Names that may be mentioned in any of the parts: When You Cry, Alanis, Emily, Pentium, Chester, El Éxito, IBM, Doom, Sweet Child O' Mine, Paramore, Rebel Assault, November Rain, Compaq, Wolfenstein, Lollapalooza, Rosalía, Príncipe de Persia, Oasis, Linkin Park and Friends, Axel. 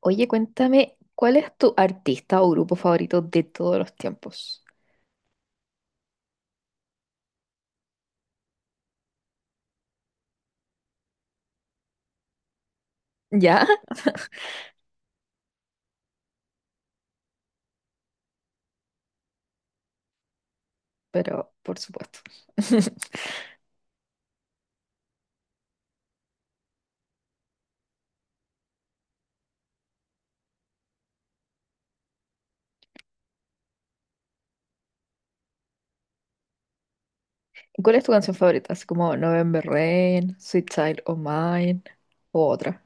Oye, cuéntame, ¿cuál es tu artista o grupo favorito de todos los tiempos? ¿Ya? Pero, por supuesto. ¿Cuál es tu canción favorita? Así como November Rain, Sweet Child O' Mine, o otra.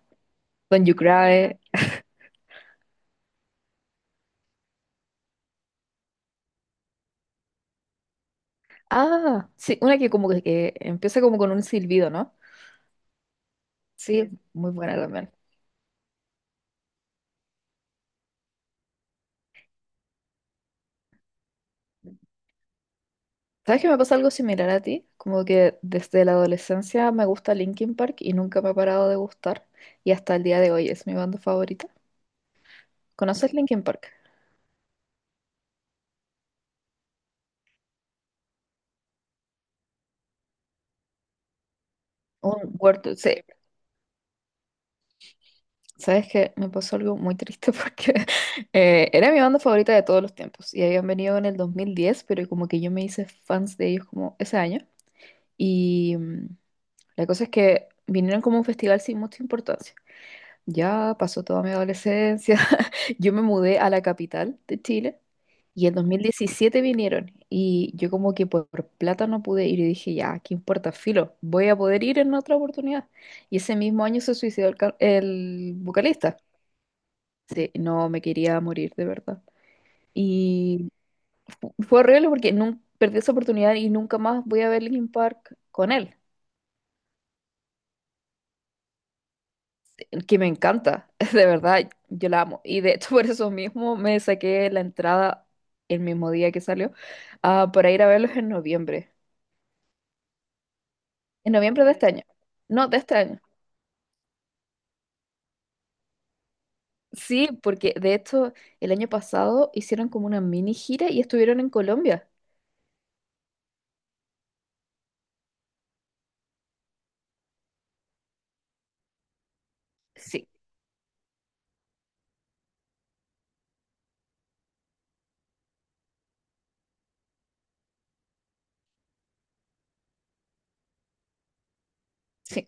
When You Cry. Ah, sí, una que como que empieza como con un silbido, ¿no? Sí, muy buena también. ¿Sabes que me pasa algo similar a ti? Como que desde la adolescencia me gusta Linkin Park y nunca me ha parado de gustar. Y hasta el día de hoy es mi banda favorita. ¿Conoces Linkin Park? Un word, sí, sabes que me pasó algo muy triste porque era mi banda favorita de todos los tiempos y habían venido en el 2010, pero como que yo me hice fans de ellos como ese año. Y la cosa es que vinieron como a un festival sin mucha importancia. Ya pasó toda mi adolescencia. Yo me mudé a la capital de Chile y en 2017 vinieron y yo como que por plata no pude ir y dije, ya, ¿qué importa? Filo, voy a poder ir en otra oportunidad. Y ese mismo año se suicidó el vocalista. Sí, no me quería morir de verdad. Y fue horrible porque perdí esa oportunidad y nunca más voy a ver Linkin Park con él. Que me encanta, de verdad, yo la amo. Y de hecho, por eso mismo me saqué la entrada el mismo día que salió, ah, para ir a verlos en noviembre. En noviembre de este año. No, de este año. Sí, porque de hecho, el año pasado hicieron como una mini gira y estuvieron en Colombia. Sí, sí,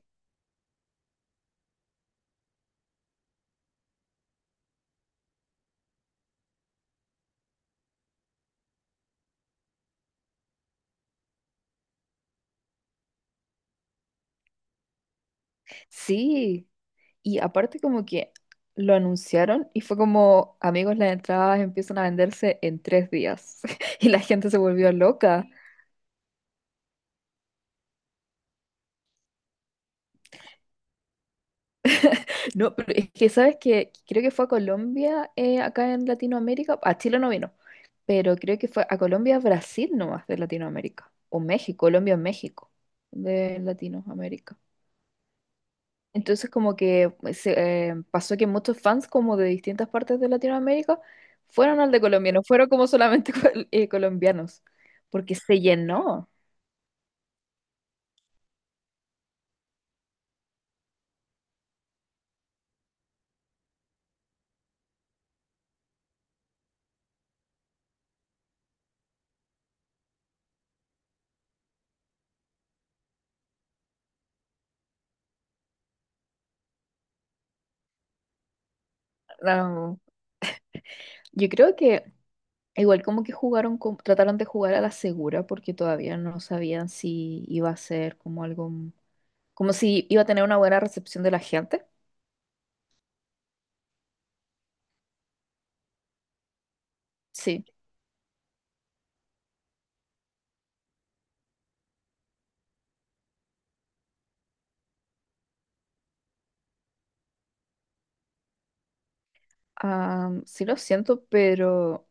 sí. Y aparte como que lo anunciaron y fue como, amigos, las entradas empiezan a venderse en 3 días. Y la gente se volvió loca. No, pero es que sabes que creo que fue a Colombia, acá en Latinoamérica, a Chile no vino, pero creo que fue a Colombia, Brasil nomás de Latinoamérica, o México, Colombia, México, de Latinoamérica. Entonces como que pues, pasó que muchos fans como de distintas partes de Latinoamérica fueron al de Colombia, no fueron como solamente colombianos, porque se llenó. No, yo creo que igual como que jugaron, trataron de jugar a la segura porque todavía no sabían si iba a ser como algo, como si iba a tener una buena recepción de la gente. Sí, ah, sí lo siento, pero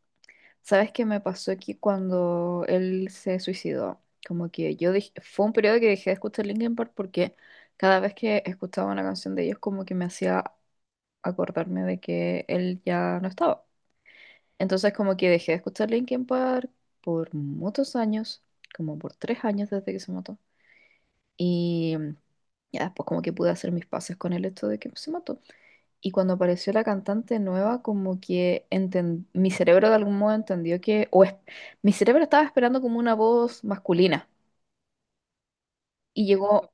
¿sabes qué me pasó aquí cuando él se suicidó? Como que fue un periodo que dejé de escuchar Linkin Park porque cada vez que escuchaba una canción de ellos como que me hacía acordarme de que él ya no estaba. Entonces como que dejé de escuchar Linkin Park por muchos años, como por 3 años desde que se mató. Y ya después como que pude hacer mis pases con el hecho de que se mató. Y cuando apareció la cantante nueva, como que mi cerebro de algún modo entendió que, mi cerebro estaba esperando como una voz masculina. Y llegó,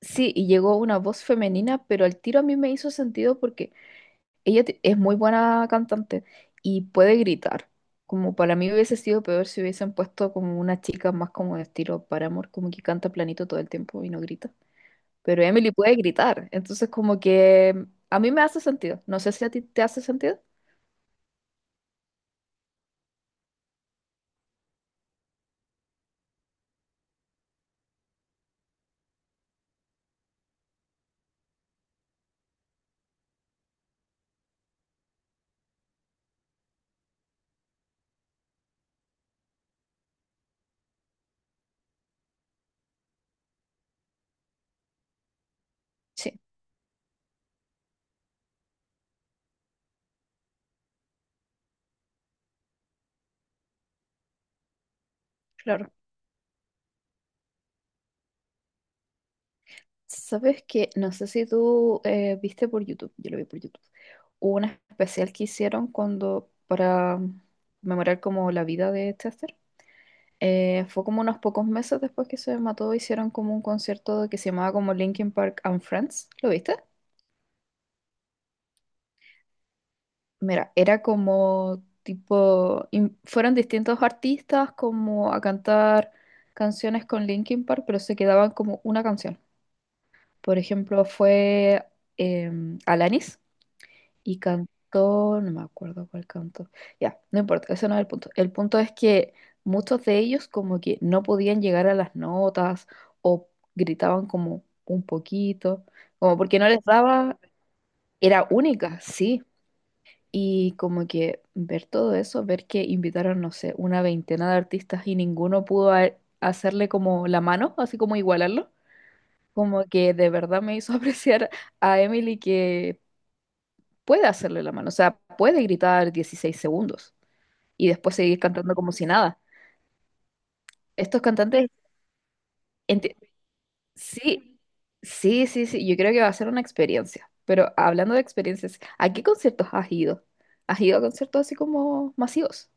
sí, y llegó una voz femenina, pero al tiro a mí me hizo sentido porque Ella es muy buena cantante y puede gritar. Como para mí hubiese sido peor si hubiesen puesto como una chica más como de estilo Paramore, como que canta planito todo el tiempo y no grita. Pero Emily puede gritar, entonces como que a mí me hace sentido. No sé si a ti te hace sentido. Sí, claro. Sabes que no sé si tú viste por YouTube, yo lo vi por YouTube. Hubo un especial que hicieron cuando para memorar como la vida de Chester. Fue como unos pocos meses después que se mató, hicieron como un concierto que se llamaba como Linkin Park and Friends. ¿Lo viste? Mira, era como tipo, fueron distintos artistas como a cantar canciones con Linkin Park, pero se quedaban como una canción. Por ejemplo, fue Alanis. Y cantó, no me acuerdo cuál cantó. Ya, no importa, ese no es el punto. El punto es que muchos de ellos como que no podían llegar a las notas o gritaban como un poquito, como porque no les daba, era única, sí. Y como que ver todo eso, ver que invitaron, no sé, una veintena de artistas y ninguno pudo hacerle como la mano, así como igualarlo, como que de verdad me hizo apreciar a Emily que puede hacerle la mano, o sea, puede gritar 16 segundos y después seguir cantando como si nada. Estos cantantes, enti- sí, sí, sí, sí, yo creo que va a ser una experiencia, pero hablando de experiencias, ¿a qué conciertos has ido? ¿Has ido a conciertos así como masivos?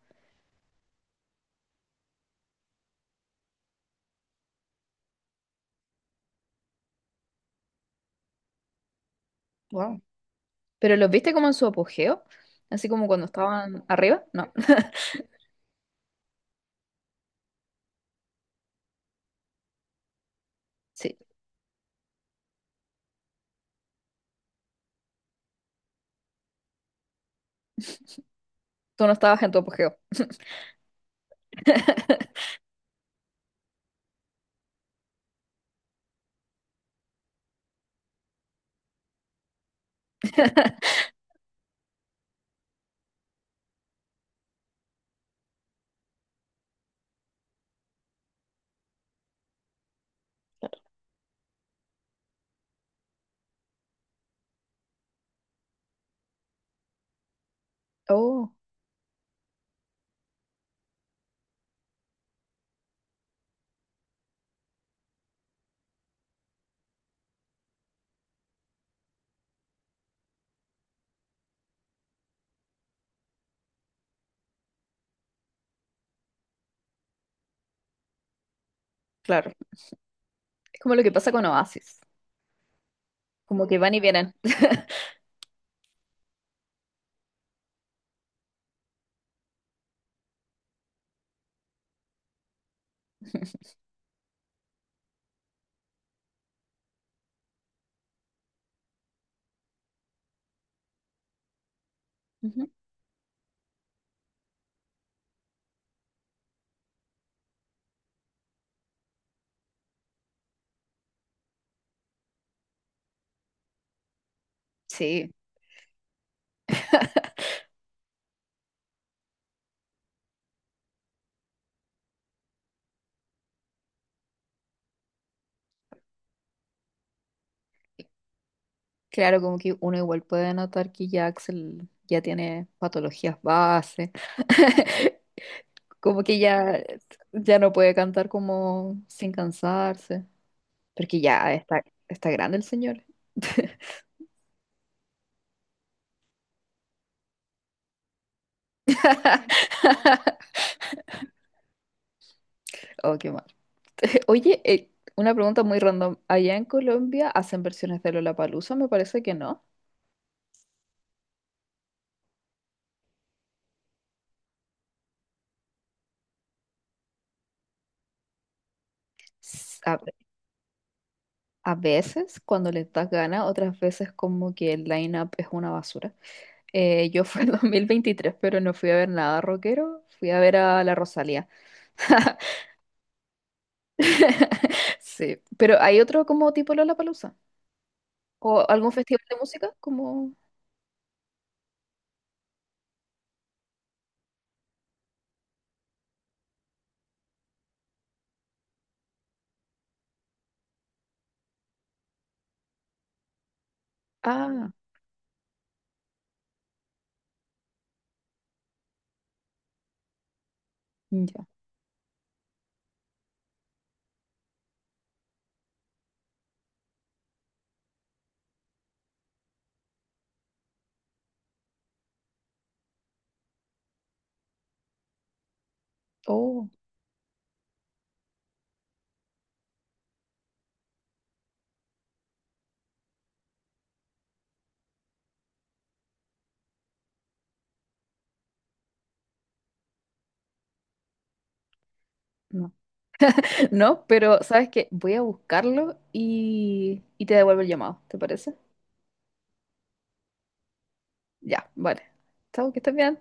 Wow. ¿Pero los viste como en su apogeo? Así como cuando estaban arriba, no, sí, tú no estabas en tu apogeo. Oh, claro, es como lo que pasa con Oasis, como que van y vienen. Ujú. Sí. Claro, como que uno igual puede notar que ya Axel ya tiene patologías base, como que ya, ya no puede cantar como sin cansarse, porque ya está, está grande el señor. Oh, qué mal. Oye, una pregunta muy random. ¿Allá en Colombia hacen versiones de Lollapalooza? Me parece que no. S- A, a veces cuando les das gana, otras veces como que el line-up es una basura. Yo fui en 2023, pero no fui a ver nada rockero, fui a ver a la Rosalía. Sí, pero ¿hay otro como tipo Lollapalooza? ¿O algún festival de música? Como, ah, ya, oh, no. No, pero ¿sabes qué? Voy a buscarlo y te devuelvo el llamado, ¿te parece? Ya, vale. Chao, que estés bien.